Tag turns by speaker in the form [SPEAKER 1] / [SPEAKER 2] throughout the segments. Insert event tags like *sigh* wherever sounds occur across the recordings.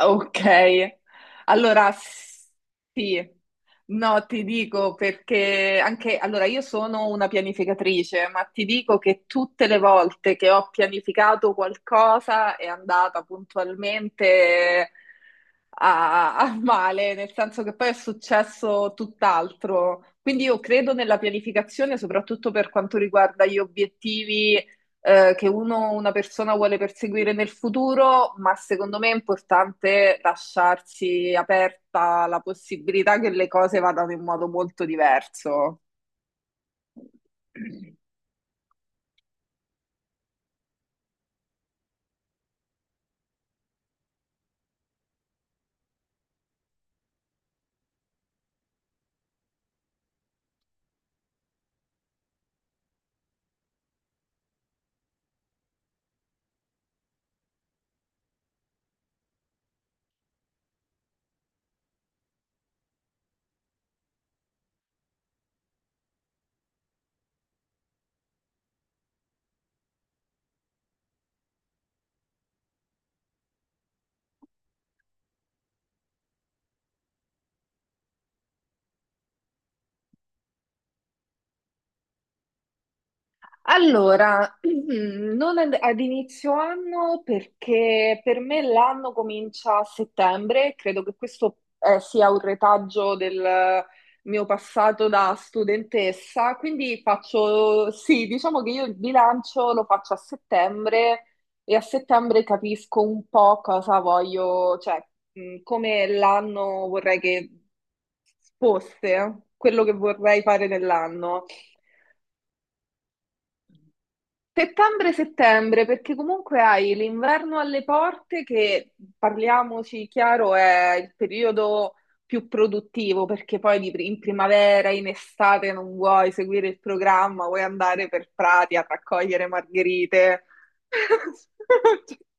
[SPEAKER 1] Ok, allora sì, no, ti dico perché anche, allora io sono una pianificatrice, ma ti dico che tutte le volte che ho pianificato qualcosa è andata puntualmente a male, nel senso che poi è successo tutt'altro. Quindi io credo nella pianificazione, soprattutto per quanto riguarda gli obiettivi che uno, una persona vuole perseguire nel futuro, ma secondo me è importante lasciarsi aperta la possibilità che le cose vadano in modo molto diverso. Allora, *clears throat* non ad inizio anno perché per me l'anno comincia a settembre, credo che questo sia un retaggio del mio passato da studentessa, quindi faccio, sì, diciamo che io il bilancio lo faccio a settembre e a settembre capisco un po' cosa voglio, cioè come l'anno vorrei che fosse, quello che vorrei fare nell'anno. Settembre-settembre, perché comunque hai l'inverno alle porte che, parliamoci chiaro, è il periodo più produttivo, perché poi in primavera, in estate non vuoi seguire il programma, vuoi andare per prati a raccogliere margherite. *laughs*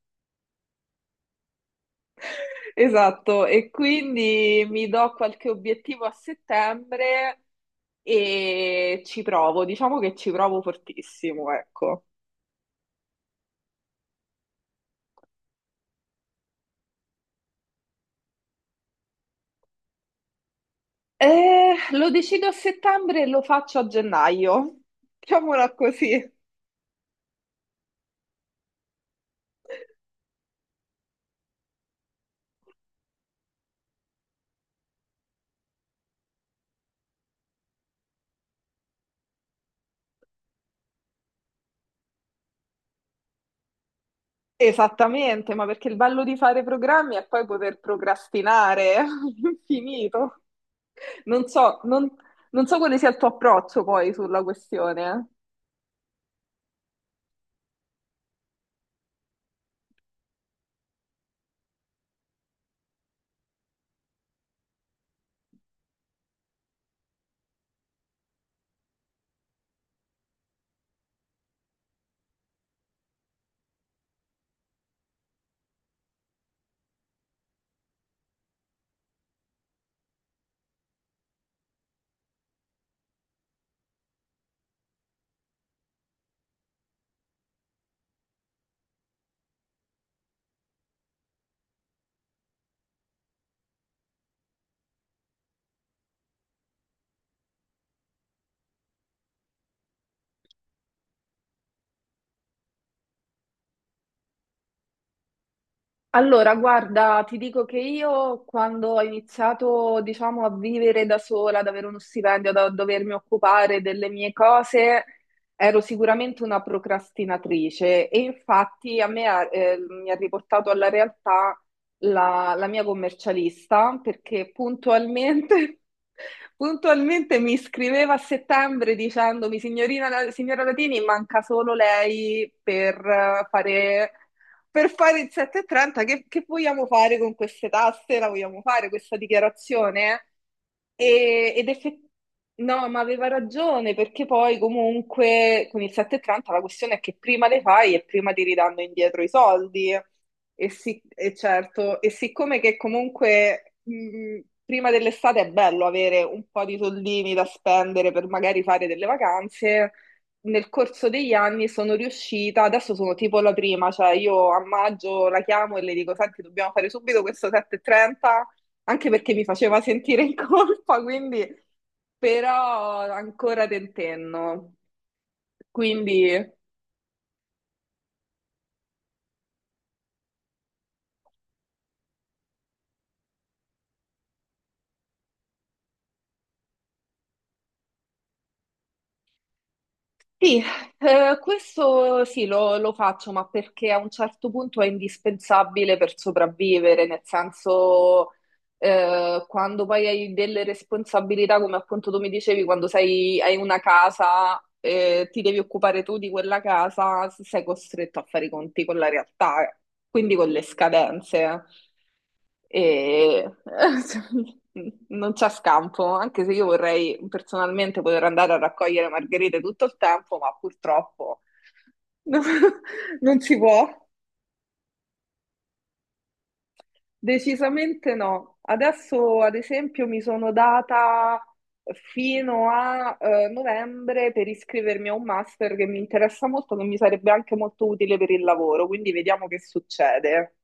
[SPEAKER 1] Esatto, e quindi mi do qualche obiettivo a settembre e ci provo, diciamo che ci provo fortissimo, ecco. Lo decido a settembre e lo faccio a gennaio, *laughs* diciamola così. Esattamente, ma perché il bello di fare programmi è poi poter procrastinare *laughs* all'infinito. Non so, non, non so quale sia il tuo approccio poi sulla questione. Allora, guarda, ti dico che io quando ho iniziato, diciamo, a vivere da sola, ad avere uno stipendio, da dovermi occupare delle mie cose, ero sicuramente una procrastinatrice e infatti mi ha riportato alla realtà la mia commercialista perché puntualmente, *laughs* puntualmente mi scriveva a settembre dicendomi, signorina, signora Latini, manca solo lei per fare per fare il 7,30, che vogliamo fare con queste tasse? La vogliamo fare questa dichiarazione? Ed effettivamente, no, ma aveva ragione, perché poi comunque con il 7,30 la questione è che prima le fai e prima ti ridanno indietro i soldi. E sì, e certo, e siccome che comunque prima dell'estate è bello avere un po' di soldini da spendere per magari fare delle vacanze, nel corso degli anni sono riuscita, adesso sono tipo la prima, cioè io a maggio la chiamo e le dico, senti, dobbiamo fare subito questo 7,30, anche perché mi faceva sentire in colpa, quindi però ancora tentenno. Quindi sì, questo sì lo faccio, ma perché a un certo punto è indispensabile per sopravvivere, nel senso quando poi hai delle responsabilità, come appunto tu mi dicevi, quando sei, hai una casa, ti devi occupare tu di quella casa, sei costretto a fare i conti con la realtà, quindi con le scadenze. E *laughs* non c'è scampo, anche se io vorrei personalmente poter andare a raccogliere margherite tutto il tempo, ma purtroppo *laughs* non si può. Decisamente no. Adesso, ad esempio, mi sono data fino a novembre per iscrivermi a un master che mi interessa molto, che mi sarebbe anche molto utile per il lavoro, quindi vediamo che succede.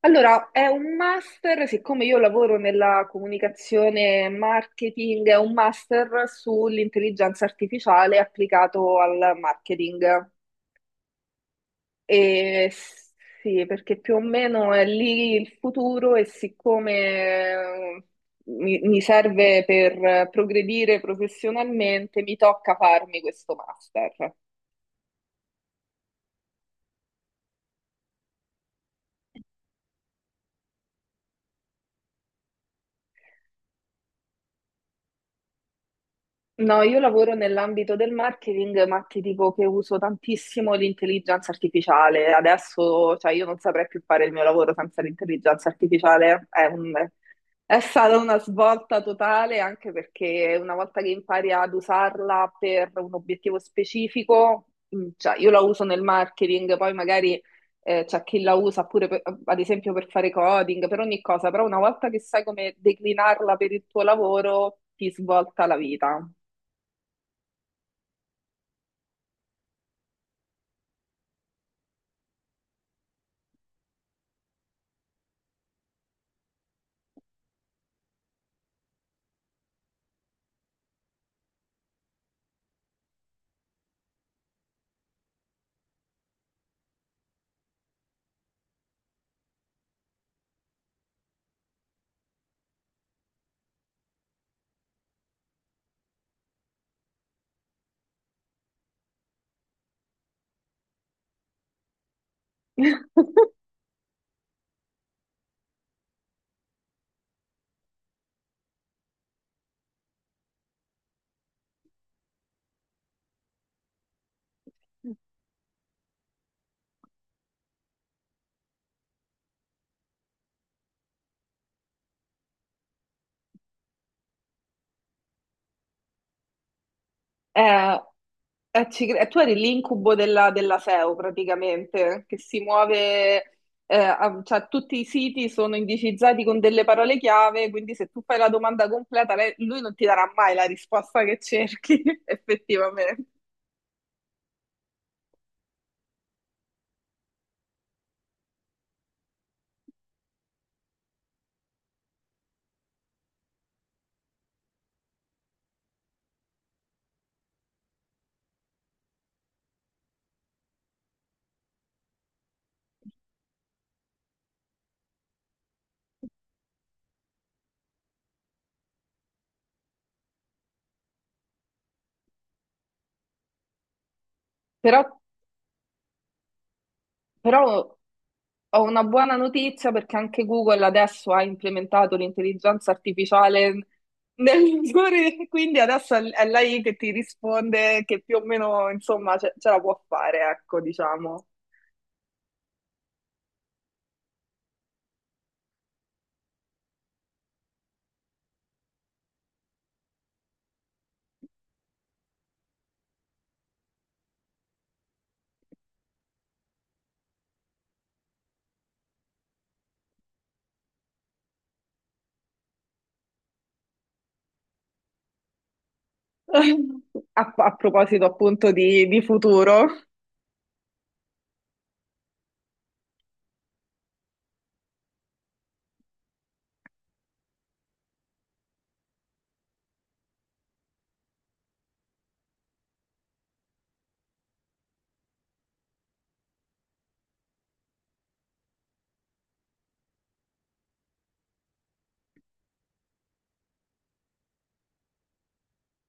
[SPEAKER 1] Allora, è un master, siccome io lavoro nella comunicazione e marketing, è un master sull'intelligenza artificiale applicato al marketing. E sì, perché più o meno è lì il futuro e siccome eh, mi serve per progredire professionalmente, mi tocca farmi questo master. No, io lavoro nell'ambito del marketing, ma ti dico che uso tantissimo l'intelligenza artificiale. Adesso, cioè, io non saprei più fare il mio lavoro senza l'intelligenza artificiale, è stata una svolta totale anche perché una volta che impari ad usarla per un obiettivo specifico, cioè io la uso nel marketing, poi magari c'è chi la usa ad esempio per fare coding, per ogni cosa, però una volta che sai come declinarla per il tuo lavoro, ti svolta la vita. Eh, Tu eri l'incubo della SEO praticamente, che si muove, cioè tutti i siti sono indicizzati con delle parole chiave, quindi se tu fai la domanda completa, lui non ti darà mai la risposta che cerchi, *laughs* effettivamente. Però, Però ho una buona notizia perché anche Google adesso ha implementato l'intelligenza artificiale nel *laughs* motori, quindi adesso è lei che ti risponde, che più o meno, insomma, ce la può fare, ecco, diciamo. A proposito appunto di futuro,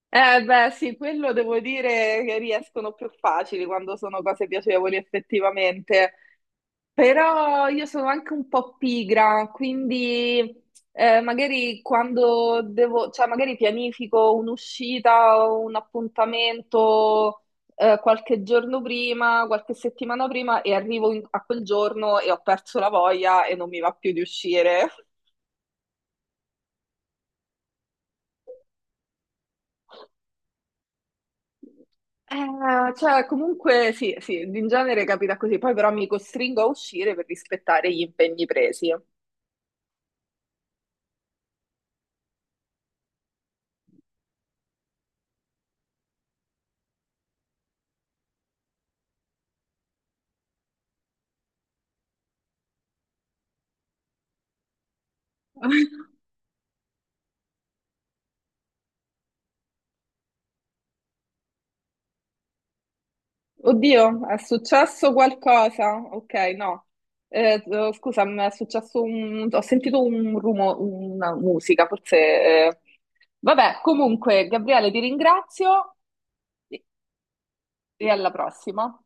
[SPEAKER 1] eh beh, sì, quello devo dire che riescono più facili quando sono cose piacevoli effettivamente, però io sono anche un po' pigra, quindi magari quando devo, cioè magari pianifico un'uscita o un appuntamento qualche giorno prima, qualche settimana prima e a quel giorno e ho perso la voglia e non mi va più di uscire. Cioè, comunque sì, sì, in genere capita così, poi però mi costringo a uscire per rispettare gli impegni presi. *laughs* Oddio, è successo qualcosa? Ok, no. Scusa, mi è successo un... ho sentito un rumore, una musica, forse... eh. Vabbè, comunque, Gabriele, ti ringrazio e e alla prossima.